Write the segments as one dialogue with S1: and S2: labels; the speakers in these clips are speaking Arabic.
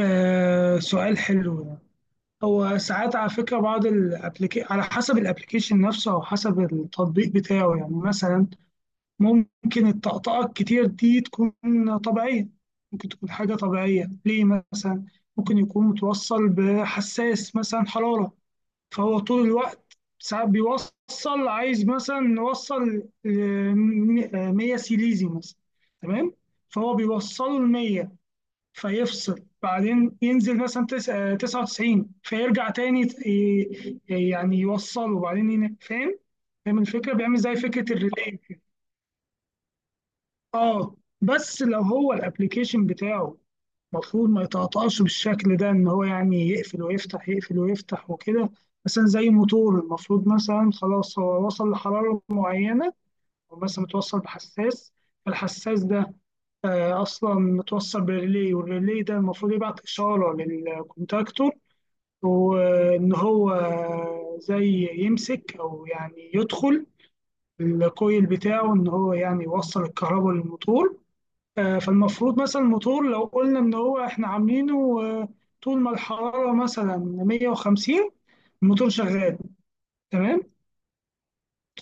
S1: آه، سؤال حلو ده. هو ساعات على فكرة بعض الابليكي على حسب الابليكيشن نفسه أو حسب التطبيق بتاعه، يعني مثلا ممكن الطقطقة الكتير دي تكون طبيعية. ممكن تكون حاجة طبيعية ليه، مثلا ممكن يكون متوصل بحساس مثلا حرارة، فهو طول الوقت ساعات بيوصل، عايز مثلا نوصل ل 100 سيليزي مثلا، تمام؟ فهو بيوصله ل 100 فيفصل، بعدين ينزل مثلا 99 فيرجع تاني يعني يوصله وبعدين فاهم؟ فاهم الفكره، بيعمل زي فكره الريلي كده. اه، بس لو هو الابليكيشن بتاعه المفروض ما يتقطعش بالشكل ده، ان هو يعني يقفل ويفتح يقفل ويفتح وكده، مثلا زي موتور، المفروض مثلا خلاص هو وصل لحراره معينه، او مثلا متوصل بحساس، فالحساس ده اصلا متوصل بريلي، والريلي ده المفروض يبعت اشاره للكونتاكتور، وان هو زي يمسك او يعني يدخل الكويل بتاعه، ان هو يعني يوصل الكهرباء للموتور. فالمفروض مثلا الموتور لو قلنا ان هو احنا عاملينه، طول ما الحراره مثلا 150 الموتور شغال، تمام؟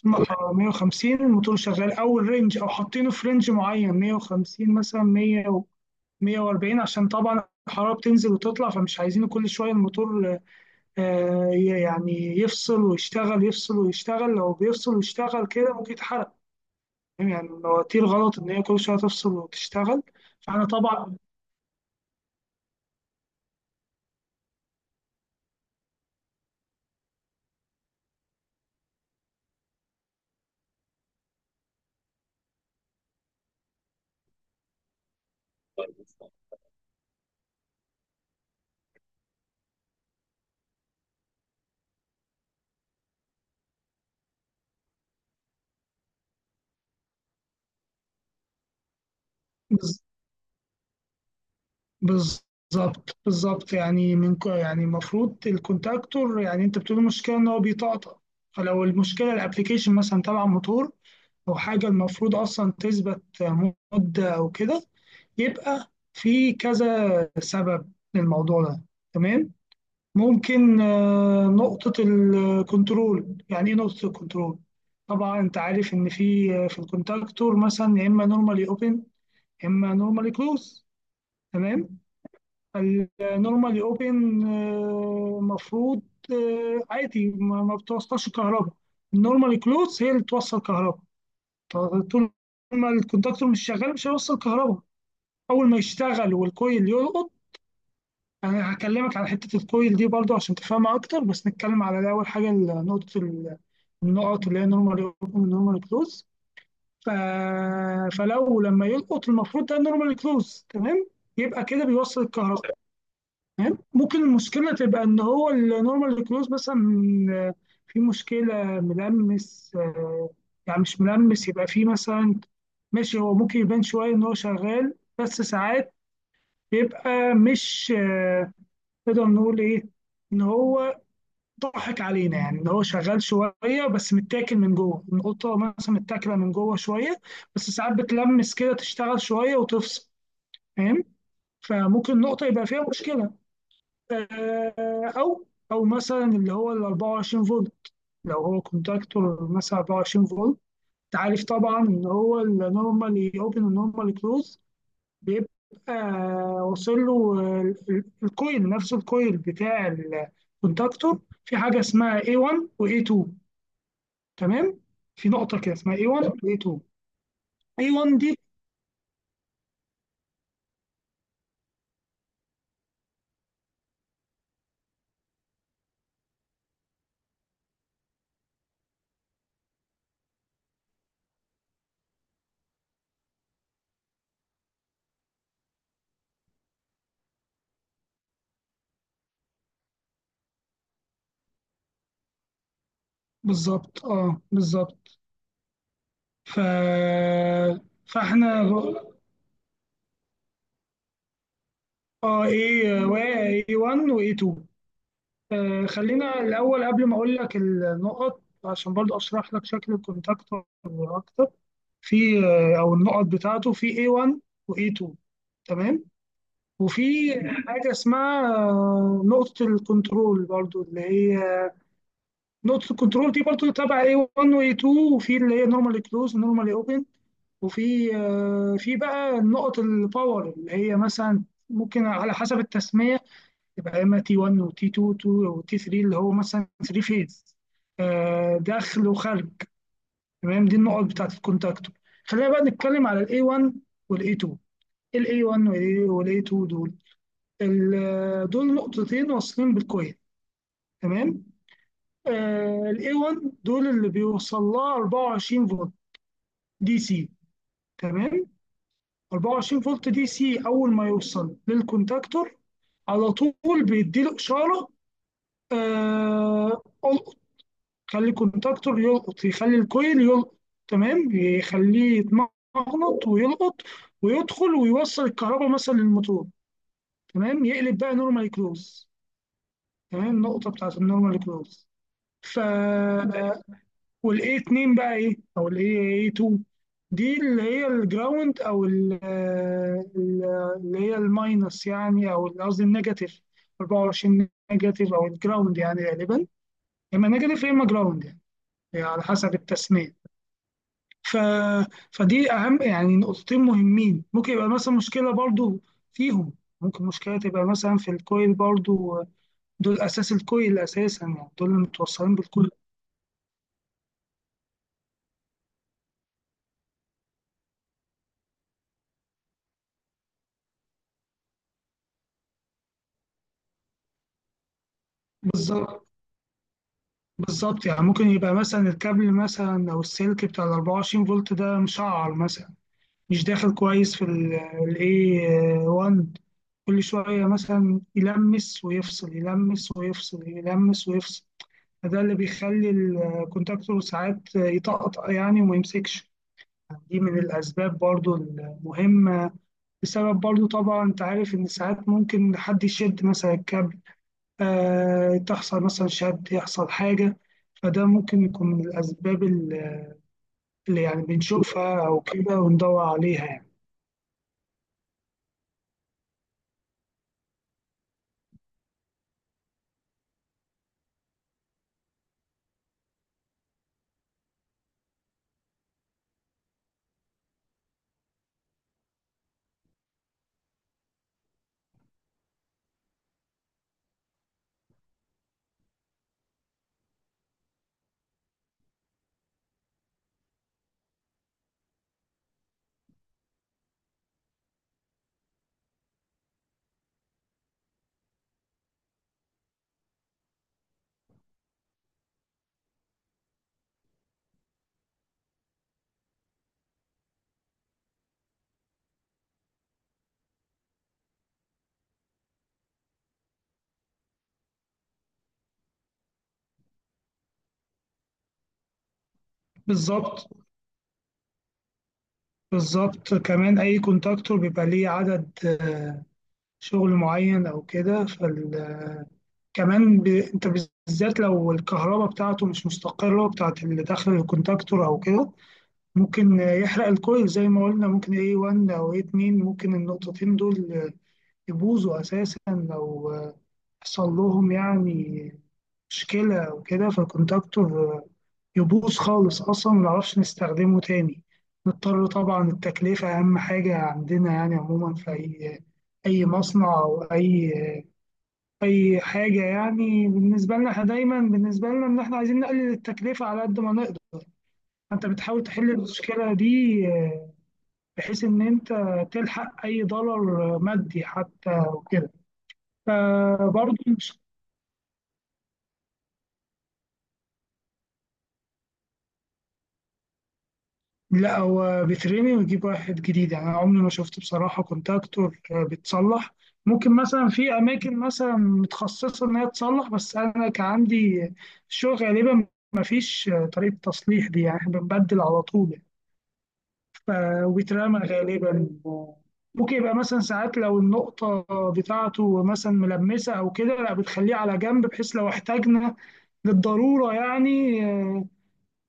S1: طول ما الحراره 150 الموتور شغال، او الرينج، او حاطينه في رينج معين 150، مثلا 100 140، عشان طبعا الحرارة بتنزل وتطلع، فمش عايزين كل شوية الموتور يعني يفصل ويشتغل يفصل ويشتغل. لو بيفصل ويشتغل كده ممكن يتحرق. فاهم؟ يعني المواتير غلط إن هي كل شوية تفصل وتشتغل. فأنا طبعا بز- بالظبط بالظبط، يعني يعني المفروض الكونتاكتور، يعني انت بتقول المشكله ان هو بيطقطق، فلو المشكله الابلكيشن مثلا تبع موتور او حاجه المفروض اصلا تثبت مده او كده، يبقى في كذا سبب للموضوع ده. تمام؟ ممكن نقطة الكنترول. يعني ايه نقطة الكنترول؟ طبعا انت عارف ان في، في الكونتاكتور مثلا، يا اما نورمالي اوبن يا اما نورمالي كلوز، تمام؟ النورمالي اوبن المفروض عادي ما بتوصلش كهرباء، النورمالي كلوز هي اللي بتوصل كهرباء. طول ما الكونتاكتور مش شغال مش هيوصل كهرباء. اول ما يشتغل والكويل يلقط، انا هكلمك على حته الكويل دي برضو عشان تفهمها اكتر، بس نتكلم على الاول حاجه النقط اللي هي نورمال اوبن ونورمال كلوز. ف... فلو لما يلقط المفروض ده نورمال كلوز، تمام؟ يبقى كده بيوصل الكهرباء. تمام. ممكن المشكله تبقى ان هو النورمال كلوز مثلا، آه، في مشكله ملمس، يعني مش ملمس، يبقى في مثلا، ماشي، هو ممكن يبان شويه ان هو شغال، بس ساعات بيبقى مش، نقدر نقول ايه، ان هو ضحك علينا، يعني ان هو شغال شويه بس متاكل من جوه، القطه مثلا متاكله من جوه شويه، بس ساعات بتلمس كده، تشتغل شويه وتفصل. فاهم؟ فممكن نقطه يبقى فيها مشكله. او او مثلا اللي هو ال 24 فولت، لو هو كونتاكتور مثلا 24 فولت، انت عارف طبعا ان هو النورمالي اوبن والنورمالي كلوز، بيبقى واصل له الكويل، نفس الكويل بتاع الكونتاكتور، في حاجة اسمها A1 و A2، تمام؟ في نقطة كده اسمها A1 و A2. A1 دي، بالظبط، اه بالظبط. ف فاحنا، اه، ايه، واي 1 واي 2. آه، خلينا الاول قبل ما اقول لك النقط، عشان برضو اشرح لك شكل الكونتاكتور اكتر. في او النقط بتاعته، في A1 و A2، تمام. وفي حاجة اسمها نقطة الكنترول برضو، اللي هي نقطة الكنترول دي برضو تبع A1 و A2. وفي اللي هي نورمالي كلوز ونورمالي اوبن. وفي في بقى نقط الباور، اللي هي مثلا ممكن على حسب التسمية يبقى اما T1 و T2 و T3، اللي هو مثلا 3 فيز، داخل وخارج. تمام، دي النقط بتاعت الكونتاكتور. خلينا بقى نتكلم على ال A1 وال A2. ال A1 وال A2 دول، دول نقطتين واصلين بالكويل، تمام؟ آه، ال A1 دول اللي بيوصل لها 24 فولت دي سي، تمام؟ 24 فولت دي سي اول ما يوصل للكونتاكتور على طول بيديله اشاره القط، خلي الكونتاكتور يلقط، يخلي الكويل يلقط، تمام؟ يخليه يتمغنط ويلقط ويدخل ويوصل الكهرباء مثلا للموتور، تمام؟ يقلب بقى نورمال كلوز، تمام، النقطه بتاعت النورمال كلوز. ف والاي 2 بقى ايه؟ او الاي اي 2، دي اللي هي الجراوند او ال- اللي هي الماينس يعني، او قصدي النيجاتيف، 24 نيجاتيف او الجراوند يعني، غالبا يا اما نيجاتيف يا اما جراوند يعني، يعني على حسب التسميه. ف... فدي اهم يعني نقطتين مهمين، ممكن يبقى مثلا مشكله برضو فيهم. ممكن مشكله تبقى مثلا في الكويل برضو، دول اساس الكويل اساسا، يعني دول اللي متوصلين بالكويل. بالظبط بالظبط. يعني ممكن يبقى مثلا الكابل مثلا، او السلك بتاع ال 24 فولت ده، مشعر مثلا، مش داخل كويس في ال A1، كل شوية مثلا يلمس ويفصل يلمس ويفصل يلمس ويفصل، فده اللي بيخلي الكونتاكتور ساعات يتقطع يعني وما يمسكش. دي من الأسباب برضو المهمة. بسبب برضو، طبعا أنت عارف إن ساعات ممكن حد يشد مثلا الكابل، تحصل مثلا شد، يحصل حاجة، فده ممكن يكون من الأسباب اللي يعني بنشوفها أو كده وندور عليها يعني. بالظبط بالظبط. كمان أي كونتاكتور بيبقى ليه عدد شغل معين أو كده، فكمان أنت بالذات لو الكهرباء بتاعته مش مستقرة، بتاعت اللي داخل الكونتاكتور أو كده، ممكن يحرق الكويل زي ما قلنا. ممكن A1 أو A2، ممكن النقطتين دول يبوظوا أساسا لو حصل لهم يعني مشكلة وكده، فالكونتاكتور يبوظ خالص، أصلا منعرفش نستخدمه تاني، نضطر طبعا. التكلفة أهم حاجة عندنا، يعني عموما في أي مصنع أو أي حاجة، يعني بالنسبة لنا إحنا دايما، بالنسبة لنا إن إحنا عايزين نقلل التكلفة على قد ما نقدر. أنت بتحاول تحل المشكلة دي، بحيث إن أنت تلحق أي دولار مادي حتى وكده. فبرضه لا، هو بيترمي ويجيب واحد جديد يعني، أنا عمري ما شفت بصراحة كونتاكتور بيتصلح. ممكن مثلا في أماكن مثلا متخصصة إن هي تصلح، بس أنا كان عندي الشغل غالبا ما فيش طريقة تصليح دي يعني، إحنا بنبدل على طول يعني. ف- وبيترمى غالبا. ممكن يبقى مثلا ساعات لو النقطة بتاعته مثلا ملمسة أو كده، لا، بتخليه على جنب، بحيث لو احتاجنا للضرورة يعني،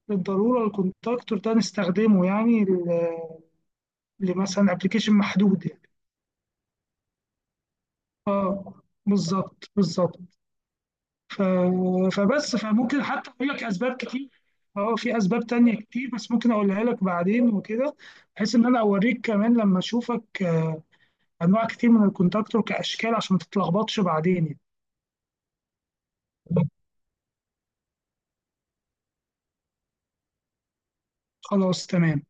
S1: للضرورة الكونتاكتور ده نستخدمه يعني، لمثلا ابلكيشن محدود يعني. اه، بالظبط بالظبط. ف... فبس فممكن حتى اقول لك اسباب كتير. اه في اسباب تانية كتير، بس ممكن اقولها لك بعدين وكده، بحيث ان انا اوريك كمان لما اشوفك، انواع كتير من الكونتاكتور كاشكال، عشان ما تتلخبطش بعدين يعني. خلاص، تمام.